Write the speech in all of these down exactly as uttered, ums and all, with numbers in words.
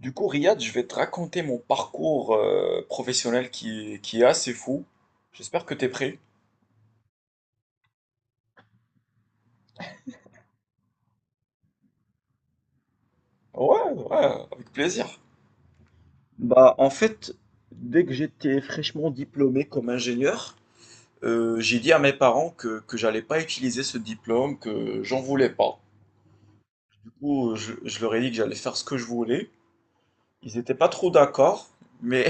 Du coup, Riyad, je vais te raconter mon parcours euh, professionnel qui, qui est assez fou. J'espère que t'es prêt. Ouais, ouais, avec plaisir. Bah, en fait, dès que j'étais fraîchement diplômé comme ingénieur, euh, j'ai dit à mes parents que, que j'allais pas utiliser ce diplôme, que j'en voulais pas. Du coup, je, je leur ai dit que j'allais faire ce que je voulais. Ils étaient pas trop d'accord, mais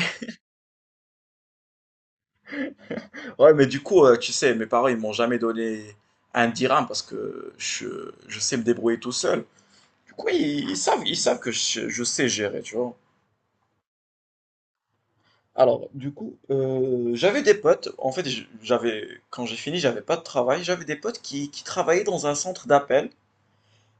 ouais, mais du coup, euh, tu sais, mes parents, ils m'ont jamais donné un dirham parce que je, je sais me débrouiller tout seul. Du coup, ils, ils savent, ils savent que je, je sais gérer, tu vois. Alors, du coup, euh, j'avais des potes. En fait, j- j'avais, quand j'ai fini, j'avais pas de travail. J'avais des potes qui, qui travaillaient dans un centre d'appel.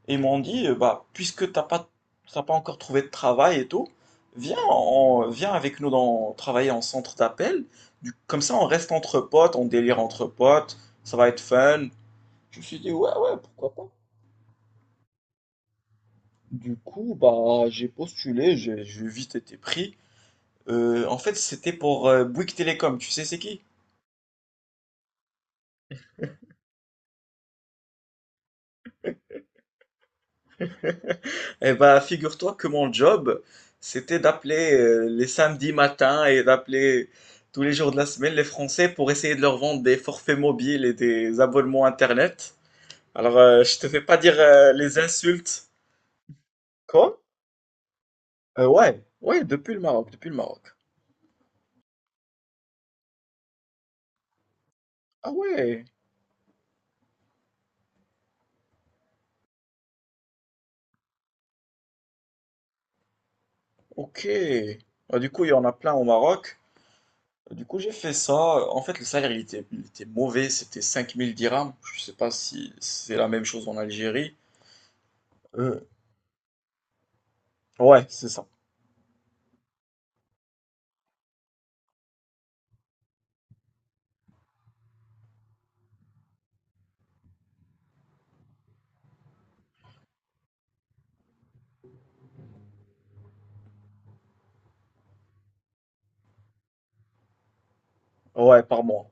Et ils m'ont dit, euh, bah, puisque t'as pas, t'as pas encore trouvé de travail et tout, viens, en- viens avec nous dans, travailler en centre d'appel. Du- Comme ça, on reste entre potes, on délire entre potes. Ça va être fun. Je me suis dit, ouais, ouais, pourquoi pas. Du coup, bah, j'ai postulé, j'ai j'ai vite été pris. Euh, en fait, c'était pour euh, Bouygues Télécom, tu sais c'est qui? Eh ben, figure-toi que mon job, c'était d'appeler euh, les samedis matins et d'appeler tous les jours de la semaine les Français pour essayer de leur vendre des forfaits mobiles et des abonnements Internet. Alors, euh, je te fais pas dire euh, les insultes. Quoi? Euh, ouais, ouais, depuis le Maroc, depuis le Maroc. Ah ouais, ok. Ah, du coup, il y en a plein au Maroc. Du coup, j'ai fait ça. En fait, le salaire, il était, il était mauvais. C'était cinq mille dirhams. Je sais pas si c'est la même chose en Algérie. Euh, ouais, c'est ça. Ouais, par mois.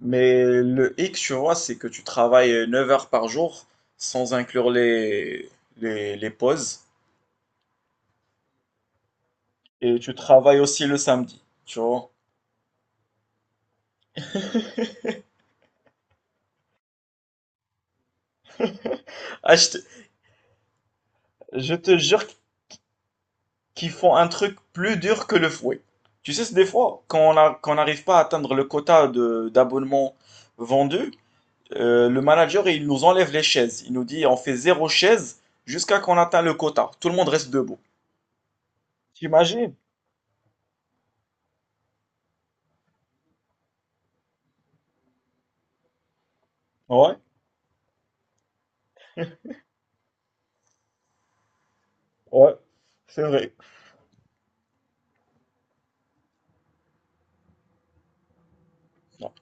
Mais le hic, tu vois, c'est que tu travailles neuf heures par jour sans inclure les, les, les pauses. Et tu travailles aussi le samedi, tu vois. Ah, je te, je te jure qu'ils font un truc plus dur que le fouet. Tu sais, c'est des fois, quand on a, quand on n'arrive pas à atteindre le quota de d'abonnements vendus. Euh, le manager, il nous enlève les chaises. Il nous dit, on fait zéro chaise jusqu'à qu'on atteint le quota. Tout le monde reste debout. T'imagines? Ouais, ouais, c'est vrai. Non.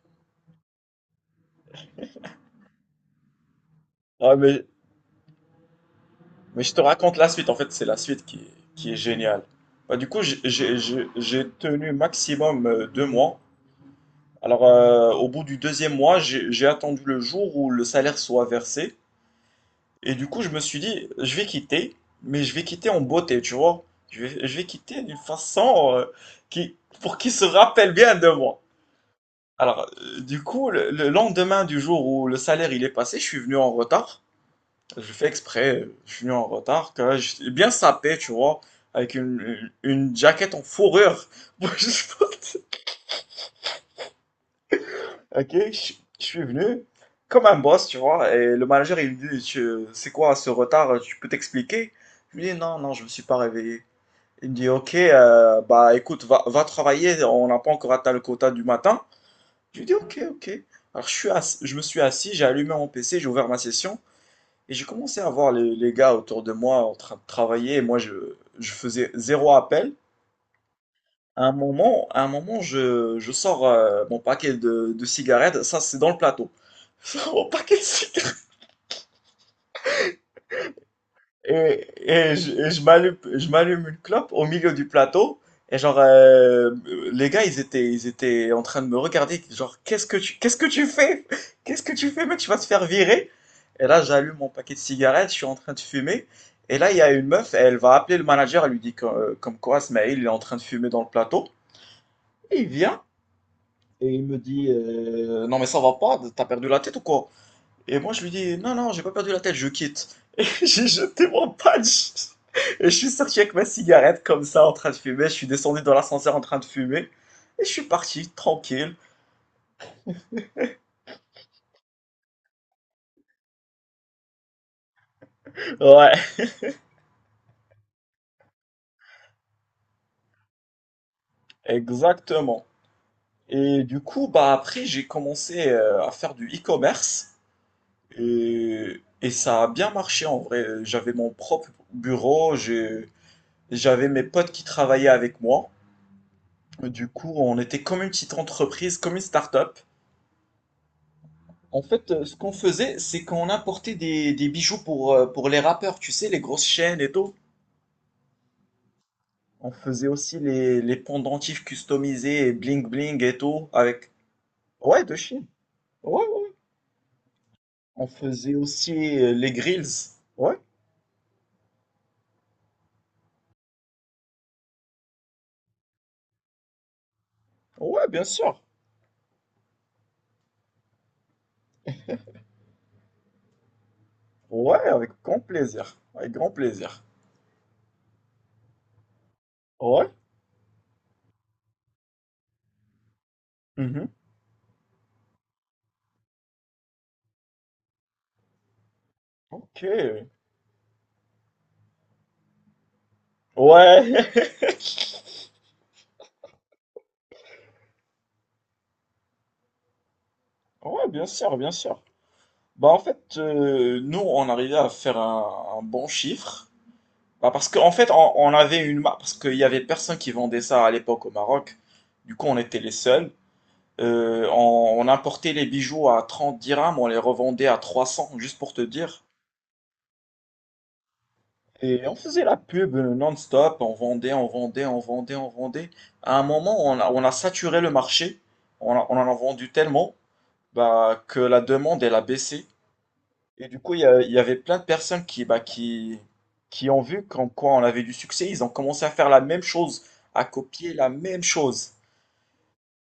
Ah, mais, mais je te raconte la suite. En fait, c'est la suite qui, est- qui est géniale. Bah, du coup, j'ai j'ai- j'ai- j'ai tenu maximum euh, deux mois. Alors, euh, au bout du deuxième mois, j'ai j'ai attendu le jour où le salaire soit versé. Et du coup, je me suis dit, je vais quitter, mais je vais quitter en beauté, tu vois. Je vais, je vais quitter d'une façon euh, qui, pour qu'ils se rappelle bien de moi. Alors, euh, du coup, le, le lendemain du jour où le salaire il est passé, je suis venu en retard. Je fais exprès, euh, je suis venu en retard, que j'étais bien sapé, tu vois, avec une, une jaquette en fourrure. Moi, je Ok, je je suis venu comme un boss, tu vois, et le manager il me dit, Tu- c'est quoi ce retard, tu peux t'expliquer? Je lui dis, non, non, je me suis pas réveillé. Il me dit, ok, euh, bah écoute, va, va travailler, on n'a pas encore atteint le quota du matin. Je lui dis, ok, ok. Alors je suis ass- je me suis assis, j'ai allumé mon P C, j'ai ouvert ma session, et j'ai commencé à voir les, les, gars autour de moi en train de travailler, et moi je, je faisais zéro appel. À un moment, à un moment, je, je sors euh, mon paquet de, de cigarettes. Ça, c'est dans le plateau. Je sors Mon paquet de cigarettes. Et, et je, et je m'allume, je m'allume une clope au milieu du plateau. Et genre, euh, les gars, ils étaient, ils étaient en train de me regarder. Genre, qu'est-ce que tu, qu'est-ce que tu fais? Qu'est-ce que tu fais, mec? Tu vas te faire virer. Et là, j'allume mon paquet de cigarettes. Je suis en train de fumer. Et là, il y a une meuf. Elle va appeler le manager. Elle lui dit que- euh, comme quoi, Smaïl, il est en train de fumer dans le plateau. Et il vient. Et il me dit, euh, non mais ça va pas, t'as perdu la tête ou quoi? Et moi je lui dis, non non, j'ai pas perdu la tête, je quitte. J'ai jeté mon patch et je suis sorti avec ma cigarette comme ça en train de fumer. Je suis descendu dans l'ascenseur en train de fumer et je suis parti tranquille. Ouais, exactement. Et du coup, bah après j'ai commencé euh, à faire du e-commerce et, et ça a bien marché en vrai. J'avais mon propre bureau, j'ai- j'avais mes potes qui travaillaient avec moi. Euh, Du coup, on était comme une petite entreprise, comme une start-up. En fait, euh, ce qu'on faisait, c'est qu'on importait des, des bijoux pour, euh, pour les rappeurs, tu sais, les grosses chaînes et tout. On faisait aussi les, les pendentifs customisés et bling bling et tout avec. Ouais, de Chine. Ouais, ouais. On faisait aussi euh, les grills. Ouais, ouais, bien sûr. Ouais, avec grand plaisir. Avec grand plaisir. Ouais. Mhm. Ok. Ouais. Ouais, bien sûr, bien sûr. Bah en fait, euh, nous, on arrivait à faire un, un bon chiffre. Bah parce qu'en fait, on, on avait une marque, parce qu'il y avait personne qui vendait ça à l'époque au Maroc. Du coup, on était les seuls. Euh, on, on importait les bijoux à trente dirhams, on les revendait à trois cents, juste pour te dire. Et on faisait la pub euh, non-stop, on vendait, on vendait, on vendait, on vendait. À un moment, on a, on a saturé le marché, on, a- on en a vendu tellement bah, que la demande, elle a baissé. Et du coup, il y, a- il y avait plein de personnes qui, bah, qui, qui ont vu qu'en quoi on avait du succès. Ils ont commencé à faire la même chose, à copier la même chose.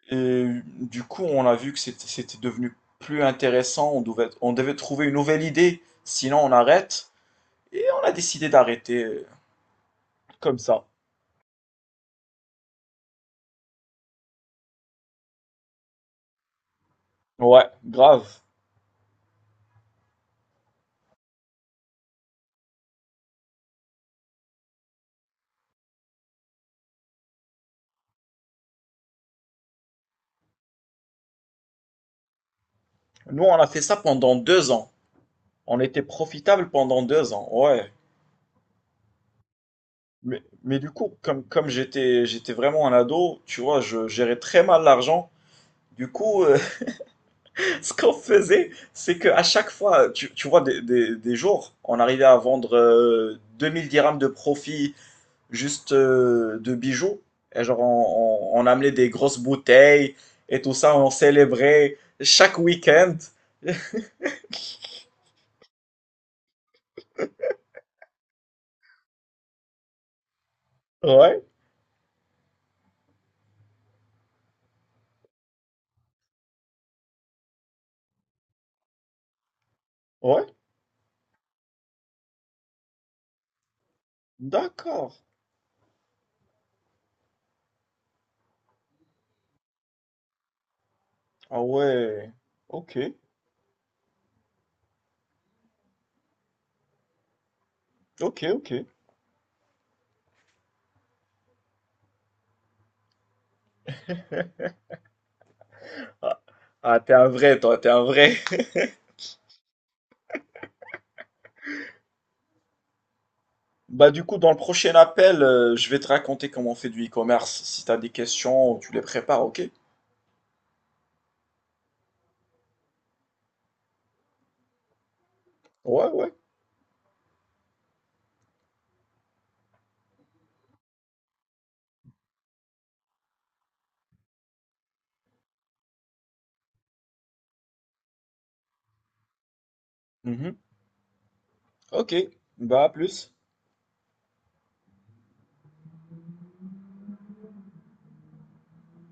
Et du coup, on a vu que c'était c'était devenu plus intéressant. On devait, on devait trouver une nouvelle idée. Sinon, on arrête. Et on a décidé d'arrêter euh, comme ça. Ouais, grave. Nous, on a fait ça pendant deux ans. On était profitable pendant deux ans. Ouais. Mais, mais du coup, comme, comme j'étais, j'étais vraiment un ado, tu vois, je gérais très mal l'argent. Du coup, euh, ce qu'on faisait, c'est qu'à chaque fois, tu, tu vois, des, des- des jours, on arrivait à vendre euh, deux mille dirhams de profit juste euh, de bijoux. Et genre, on, on- on amenait des grosses bouteilles et tout ça, on célébrait chaque week-end. Ouais, ouais, d'accord. Ah ouais, ok, ok, ok. Ah, ah, t'es un vrai, toi, t'es un vrai. Bah du coup, dans le prochain appel, euh, je vais te raconter comment on fait du e-commerce. Si t'as des questions, tu les prépares, ok? Ouais, ouais. Mhm. Ok. Bah à plus.